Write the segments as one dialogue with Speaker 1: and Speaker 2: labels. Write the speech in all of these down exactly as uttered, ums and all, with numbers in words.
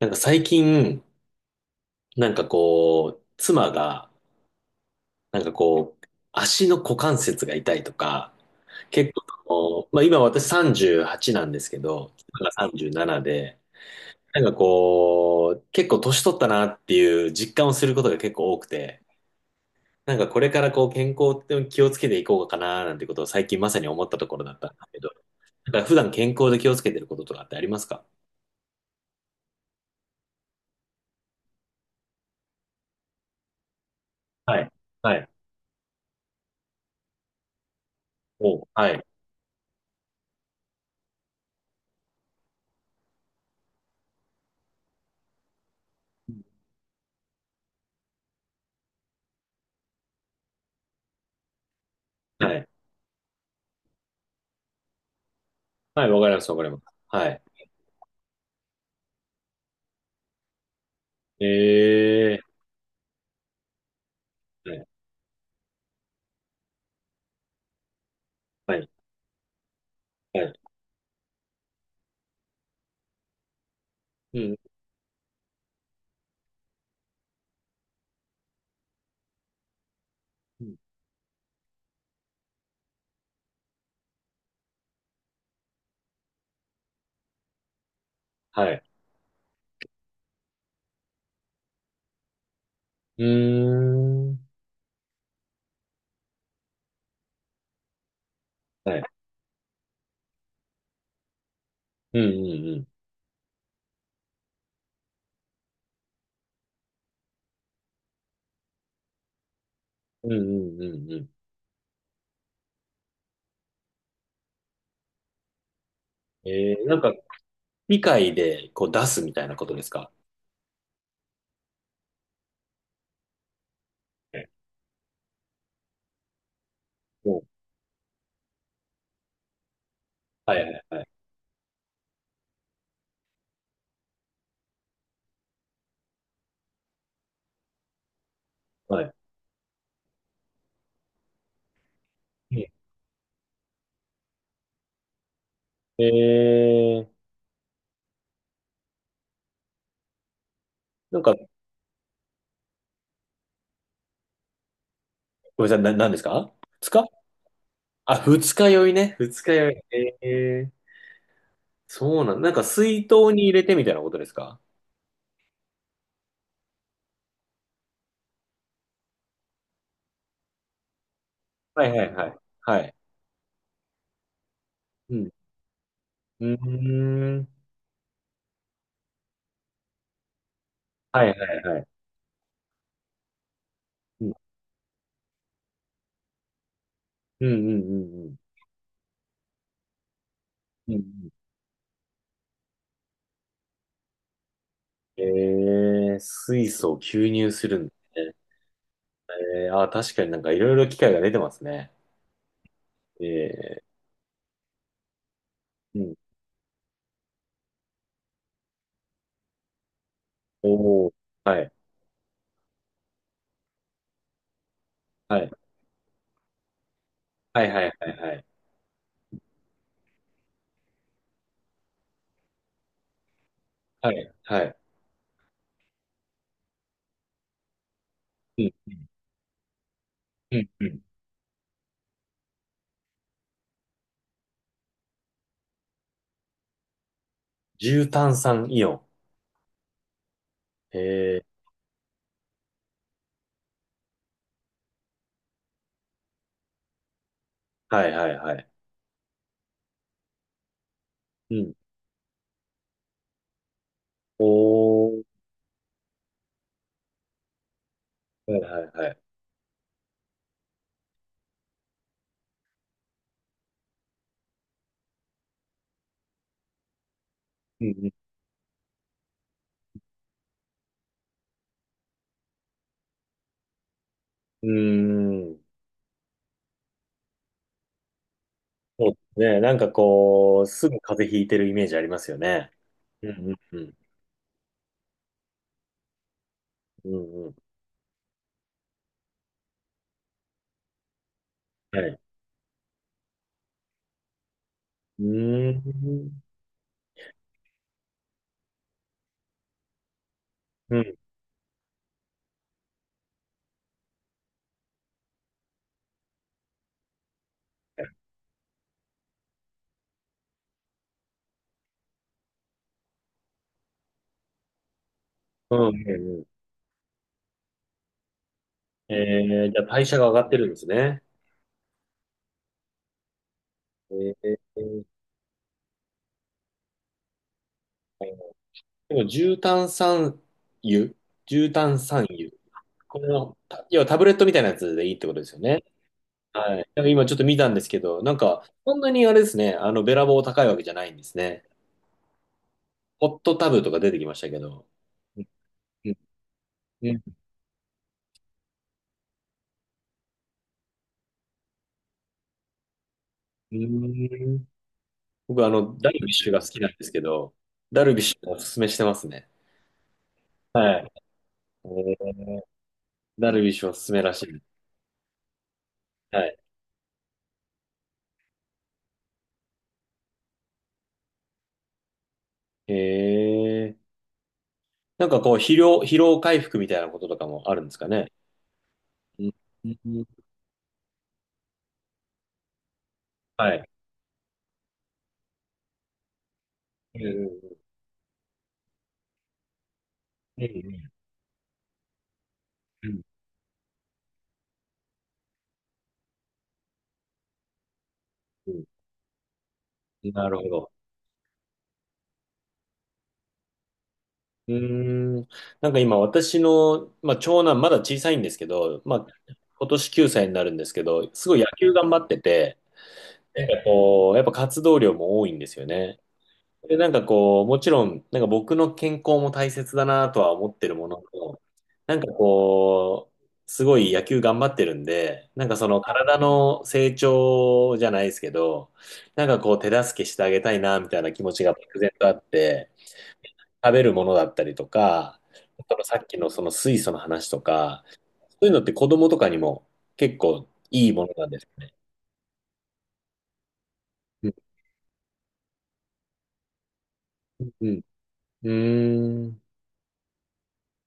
Speaker 1: なんか最近、なんかこう、妻が、なんかこう、足の股関節が痛いとか、結構こう、まあ今私さんじゅうはちなんですけど、妻がさんじゅうななで、なんかこう、結構年取ったなっていう実感をすることが結構多くて、なんかこれからこう健康って気をつけていこうかななんてことを最近まさに思ったところだったんですけど、なんか普段健康で気をつけてることとかってありますか？はい。はい。お、はい。はい。はい、わかります、わかります。はい。え。はい。はい。はい。うん。うん。はい。うーん。はい。うんうんうん。うんうんうんうん。えー、なんか、議会でこう出すみたいなことですか？はい。お、はいはいはい。はい。うん。えー、なんか、ごめんなさい、な、何ですか？二日。あ、二日酔いね。二日酔い。えー、そうなん、なんか水筒に入れてみたいなことですか？はいはいはい。はい。うん。うーん。はいはいはい。うん。うんうんうんうん。うんうん。えー、水素を吸入するんだね。えー、あー、確かになんかいろいろ機械が出てますね。えー、うん。おー、はい、はい、はい、はい、はい、はい、はい、はい、うん、うん、うん。重炭酸イオン。えー、はい、はい、はい、うん。おー、はい、はい、はい。うんうん、うーん。そうですね。なんかこう、すぐ風邪ひいてるイメージありますよね。うん、うん、うん、うん、うん。はい。うーん。うん、うん、うん、うん。えー、じゃあ代謝が上がってるんですね。えー、でも、重炭酸油、重炭酸油。この、た要はタブレットみたいなやつでいいってことですよね。はい。今ちょっと見たんですけど、なんか、そんなにあれですね、あの、べらぼう高いわけじゃないんですね。ホットタブとか出てきましたけど。うんうんうんうん。僕、あの、ダルビッシュが好きなんですけど、ダルビッシュがおすすめしてますね。はい。えー、ダルビッシュおすすめらしい。はい。へえ。なんかこう、疲労、疲労回復みたいなこととかもあるんですかね。うんうん。はい。うんうんうんうんうんうん。なるほど。うーん。なんか今私の、まあ、長男まだ小さいんですけど、まあ、今年きゅうさいになるんですけど、すごい野球頑張ってて、こう、やっぱ活動量も多いんですよね。で、なんかこう、もちろん、なんか僕の健康も大切だなとは思ってるものの、なんかこう、すごい野球頑張ってるんで、なんかその体の成長じゃないですけど、なんかこう手助けしてあげたいなみたいな気持ちが漠然とあって、食べるものだったりとか、そのさっきのその水素の話とか、そういうのって子供とかにも結構いいものなんですね。うん。うん。うーん。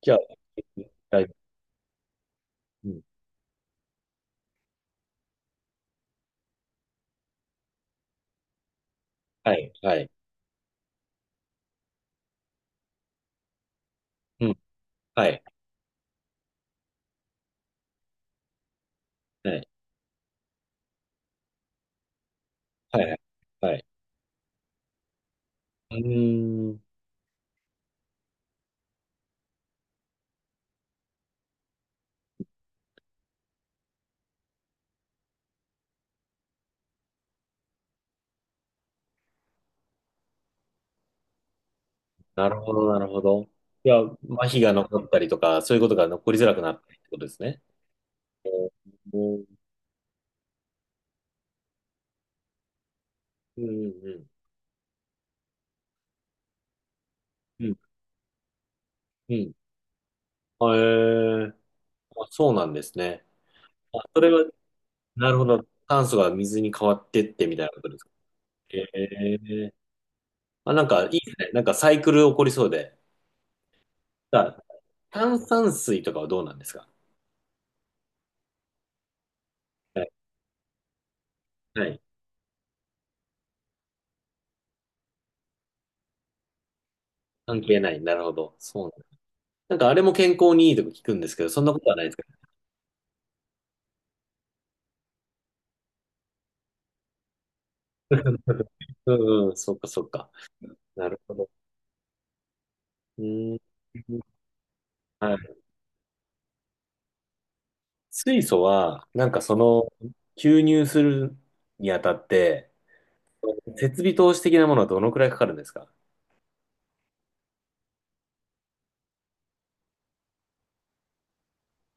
Speaker 1: じゃあ、はい。うん。はい。はい。うん。はい。はい。はいはい。はい。うーん。なるほど、なるほど。いや、麻痺が残ったりとか、そういうことが残りづらくなったりってことですね。おー。うん、うん、うん、うん。へえ。あ、そうなんですね。あ、それは、なるほど。炭素が水に変わってってみたいなことですか。へえ。あ、なんかいいですね。なんかサイクル起こりそうで。あ、炭酸水とかはどうなんですか？はい。はい。関係ない。なるほど。そうなん。なんかあれも健康にいいとか聞くんですけど、そんなことはないですか？ うんうん、そっかそっか。なるほど。うーん。はい。水素は、なんかその、吸入するにあたって、設備投資的なものはどのくらいかかるんですか？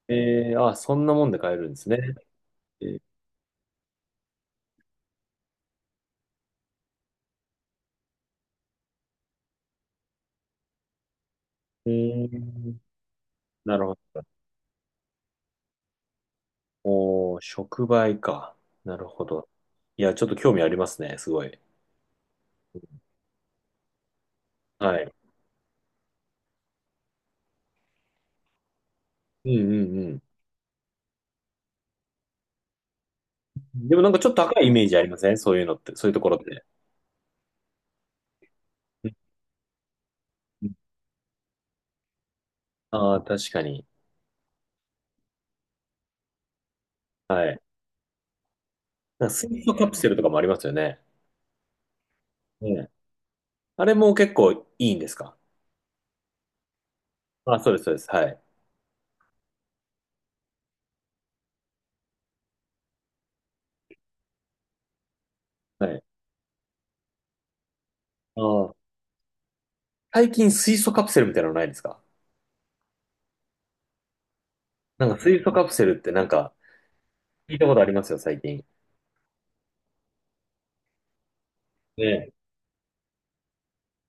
Speaker 1: えー、あ、そんなもんで買えるんですね。えー。うーん、なるほど。おー、触媒か。なるほど。いや、ちょっと興味ありますね、すごい。はい。うんうんうん。でもなんかちょっと高いイメージありませんそういうのって、そういうところって。うんうん。ああ、確かに。はい。なんか水素カプセルとかもありますよね。ね。あれも結構いいんですか？あ、そうです、そうです。はい。はい。ああ、最近水素カプセルみたいなのないですか？なんか水素カプセルってなんか聞いたことありますよ、最近。ね。